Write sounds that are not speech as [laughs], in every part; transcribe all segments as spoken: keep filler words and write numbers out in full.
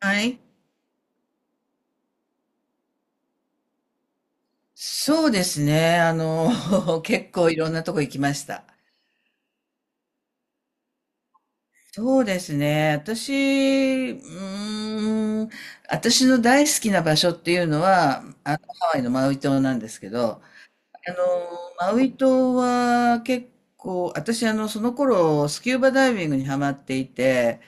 はい。そうですね。あの、[laughs] 結構いろんなとこ行きました。そうですね。私、うーん、私の大好きな場所っていうのは、あの、ハワイのマウイ島なんですけど、あの、マウイ島は結構、私、あの、その頃、スキューバダイビングにハマっていて、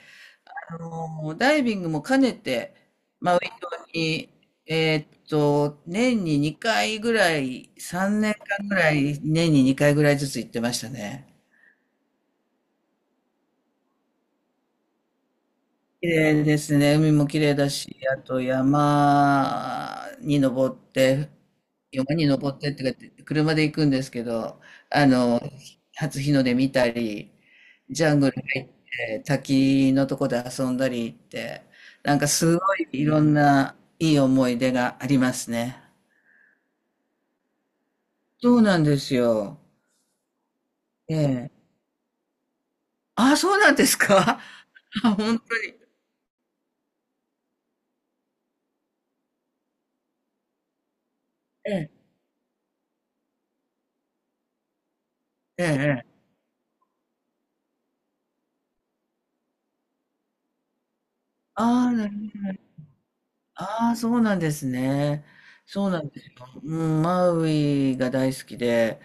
あの、ダイビングも兼ねて、マウイ島に、えーっと、年ににかいぐらい、さんねんかんぐらい、年ににかいぐらいずつ行ってましたね。綺麗ですね。海も綺麗だし、あと山に登って、山に登ってってか、車で行くんですけど、あの、初日の出見たり、ジャングル入って、滝のとこで遊んだりって、なんかすごいいろんないい思い出がありますね。そうなんですよ。ええ。ああ、そうなんですか。 [laughs] あ、本当に。ええ、ええ。ええ、ああ、なるほど。ああ、そうなんですね。そうなんですよ。うん、マウイが大好きで、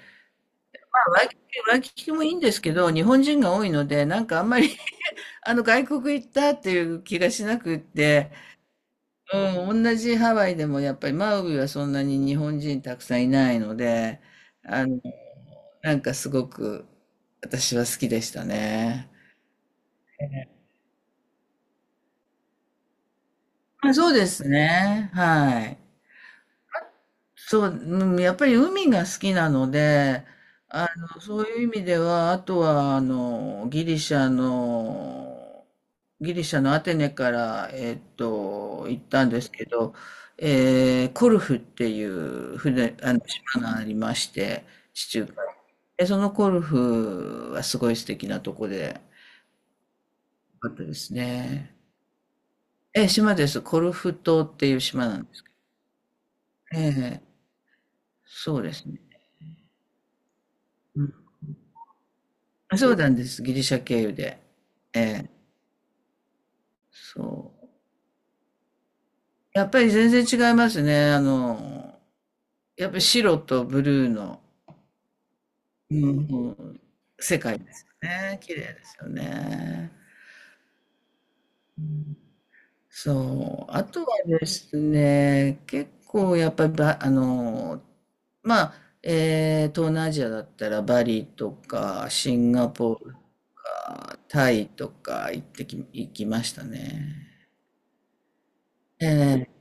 まあ、ワイキキ、ワイキキもいいんですけど、日本人が多いので、なんかあんまり、[laughs] あの、外国行ったっていう気がしなくって、うん、同じハワイでもやっぱりマウイはそんなに日本人たくさんいないので、あの、なんかすごく私は好きでしたね。まあ、そうですね。はい。そう、うん、やっぱり海が好きなので、あの、そういう意味では、あとは、あの、ギリシャの、ギリシャのアテネから、えっと、行ったんですけど、えーコルフっていう船、あの、島がありまして、地中海。で、そのコルフはすごい素敵なとこで、あかったですね。え、島です。コルフ島っていう島なんです。ええ、そうですね。あ、そうなんです。ギリシャ経由で。ええ、そう。やっぱり全然違いますね。あの、やっぱり白とブルーの、うんうん、世界ですよね。綺麗ですよね。そう。あとはですね、結構やっぱりば、あの、まあ、えー東南アジアだったらバリとかシンガポールとかタイとか行ってき、行きましたね。ええ、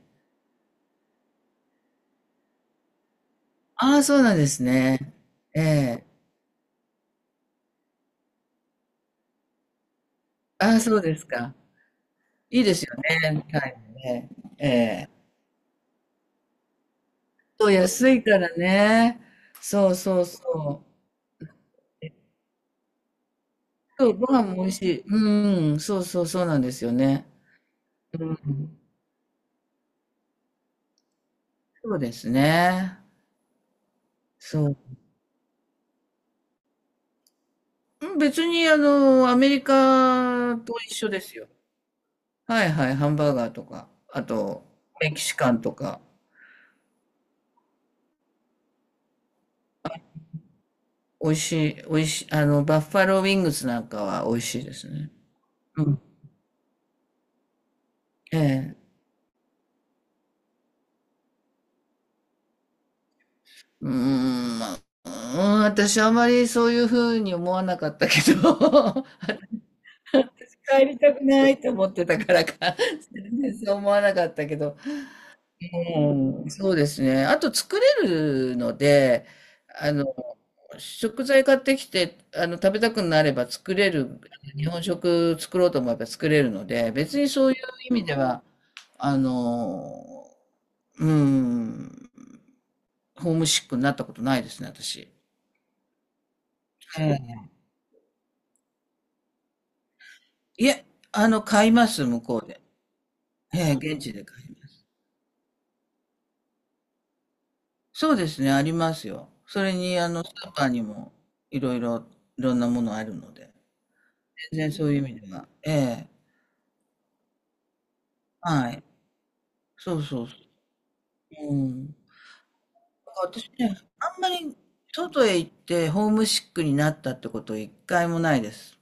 ああ、そうなんですね。ええ。ああ、そうですか。いいですよね、タイもね。ええ。そう、安いからね。そうそうそう。そう、ご飯も美味しい。うん、そうそうそうなんですよね。うん。そうですね。そう。うん、別にあの、アメリカと一緒ですよ。はいはい、ハンバーガーとか、あと、メキシカンとか、美味しい、美味しい、あの、バッファローウィングスなんかは美味しいですね。うん。ええ。うーん、まあ、うーん、私あまりそういうふうに思わなかったけど、[laughs] 帰りたくないと思ってたからか、全然そう思わなかったけど、うん、そうですね。あと作れるので、あの、食材買ってきて、あの、食べたくなれば作れる、日本食作ろうと思えば作れるので、別にそういう意味では、あの、うん、ホームシックになったことないですね、私。いえ、あの、買います、向こうで。ええ、現地で買います。そうですね、ありますよ。それに、あの、スーパーにも、いろいろ、いろんなものあるので。全然そういう意味では。ええ、はい。そうそうそう。うん。だから私ね、あんまり、外へ行って、ホームシックになったってこと、一回もないです。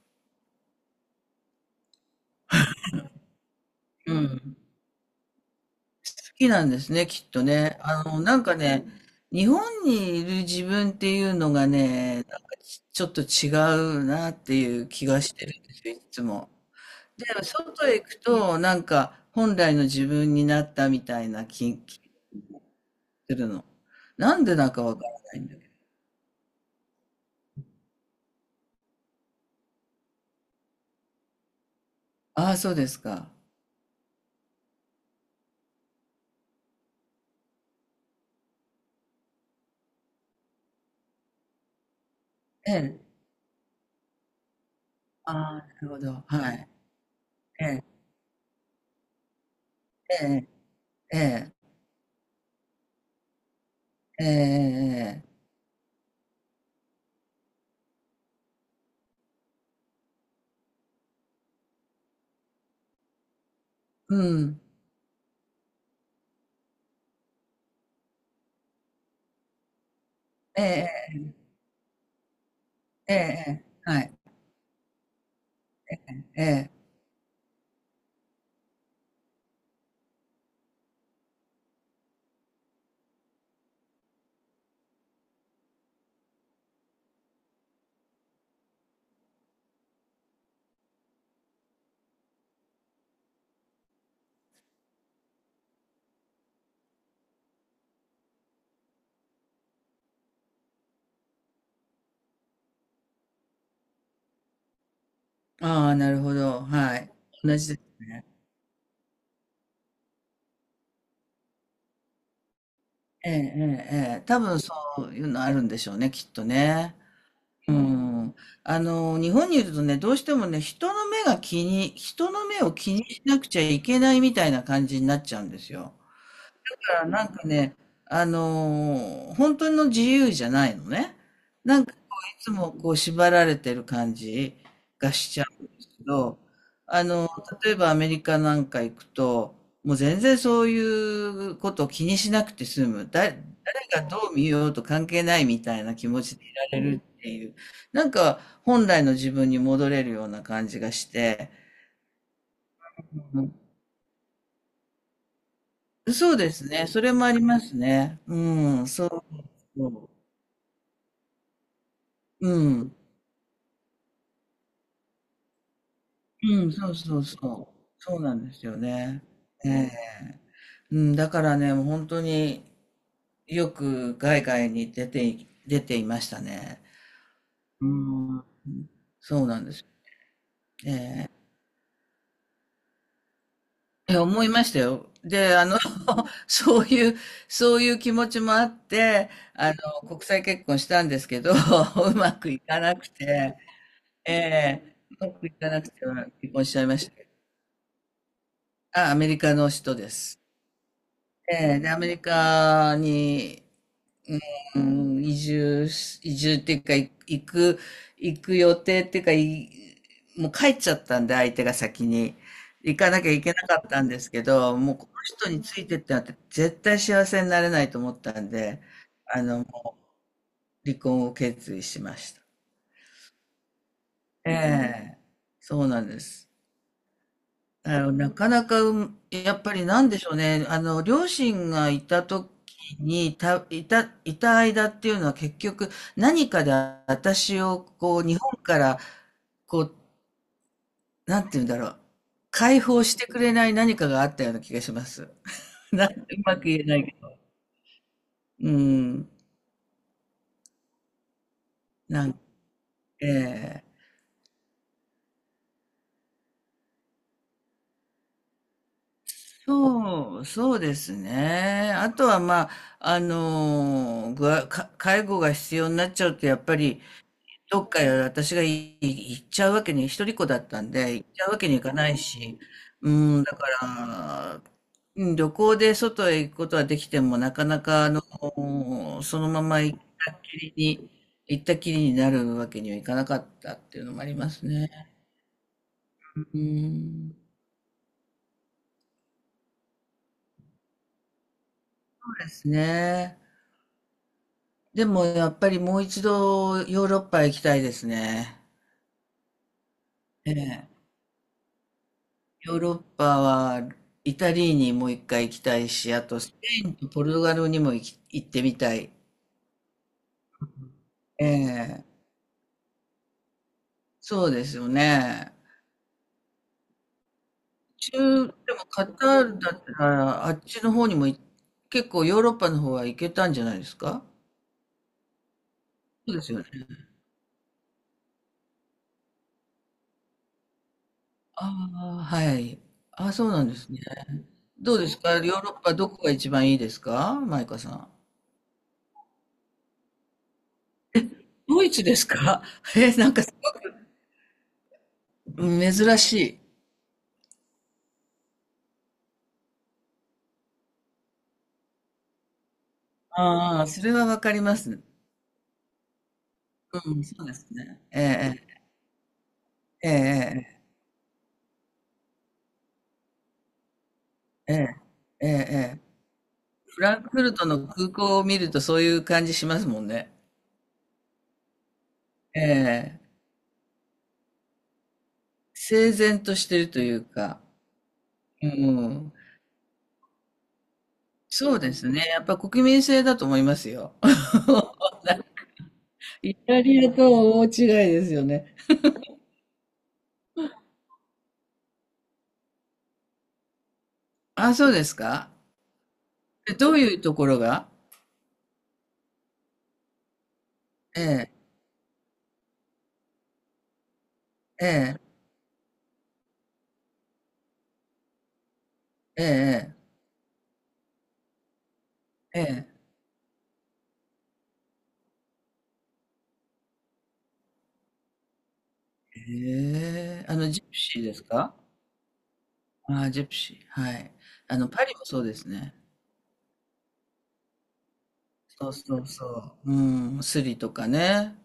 うん。好きなんですね、きっとね。あの、なんかね、日本にいる自分っていうのがね、なんかちちょっと違うなっていう気がしてるんですよ、いつも。で、外へ行くと、なんか本来の自分になったみたいな気がするの。なんでなんかわからないんだけど。ああ、そうですか。ええ。ああ、なるほど。はい。ええ、ええ、ええ、ええ、ええ、ええ、うん。ええ、ええ、ええ、ええ、はい。ええ。ああ、なるほど。はい。同じです。ええ、ええ、ええ。多分そういうのあるんでしょうね、きっとね。うん。あの、日本にいるとね、どうしてもね、人の目が気に、人の目を気にしなくちゃいけないみたいな感じになっちゃうんですよ。からなんかね、あのー本当の自由じゃないのね。なんかこういつもこう縛られてる感じがしちゃうんですけど、あの、例えばアメリカなんか行くと、もう全然そういうことを気にしなくて済む。だ、誰がどう見ようと関係ないみたいな気持ちでいられるっていう、なんか本来の自分に戻れるような感じがして、そうですね。それもありますね。うん、そう。うん。うん、そうそうそう。そうなんですよね。ええ。うん、だからね、もう本当によく海外に出てい、出ていましたね。うん、そうなんです。え、思いましたよ。で、あの、[laughs] そういう、そういう気持ちもあって、あの、国際結婚したんですけど、[laughs] うまくいかなくて、ええ、うまくいかなくて結婚しちゃいました。あ、アメリカの人です。ええ、で、アメリカに、うん、移住し、移住っていうか、い行く、行く予定っていうか、い、もう帰っちゃったんで、相手が先に。行かなきゃいけなかったんですけど、もうこの人についてってなって、絶対幸せになれないと思ったんで、あの、離婚を決意しました。ええ、そうなんです。あの、なかなか、うん、やっぱりなんでしょうね。あの、両親がいた時に、た、いた、いた間っていうのは結局何かで私をこう、日本から、こう、なんて言うんだろう。解放してくれない何かがあったような気がします。[laughs] なん、うまく言えないけど。うん。なん、ええ、そう、そうですね。あとはまあ、あのー、ぐわか介護が必要になっちゃうと、やっぱり、どっかへ私がい行っちゃうわけに、一人っ子だったんで、行っちゃうわけにいかないし、うん、だから、うん、旅行で外へ行くことはできても、なかなか、あの、そのまま行ったっきりに、行ったきりになるわけにはいかなかったっていうのもありますね。うん、そうですね。でも、やっぱりもう一度ヨーロッパへ行きたいですね。ええ。ヨーロッパはイタリーにもう一回行きたいし、あとスペインとポルトガルにも行き、行ってみたい。ええ、そうですよね。中、でもカタールだったらあっちの方にもい、結構ヨーロッパの方は行けたんじゃないですか？そうですよね。ああ、はい。ああ、そうなんですね。どうですか、ヨーロッパ、どこが一番いいですか、マイカさん？ドイツですか？ [laughs] え、なんかすごい珍しい。ああ、それはわかります。うん、そうですね。ええ、ええ、ええ、ええ、ええ、ええ、フランクフルトの空港を見るとそういう感じしますもんね。ええ。整然としてるというか、うん。そうですね。やっぱ国民性だと思いますよ。[laughs] イタリアとは大違いですよね。あ、そうですか。え、どういうところが？ええ、ええ、ええ、ええ、ええ。あのジプシーですか？ああ、ジプシー、はい。あのパリもそうですね。そうそうそう。うん、スリとかね。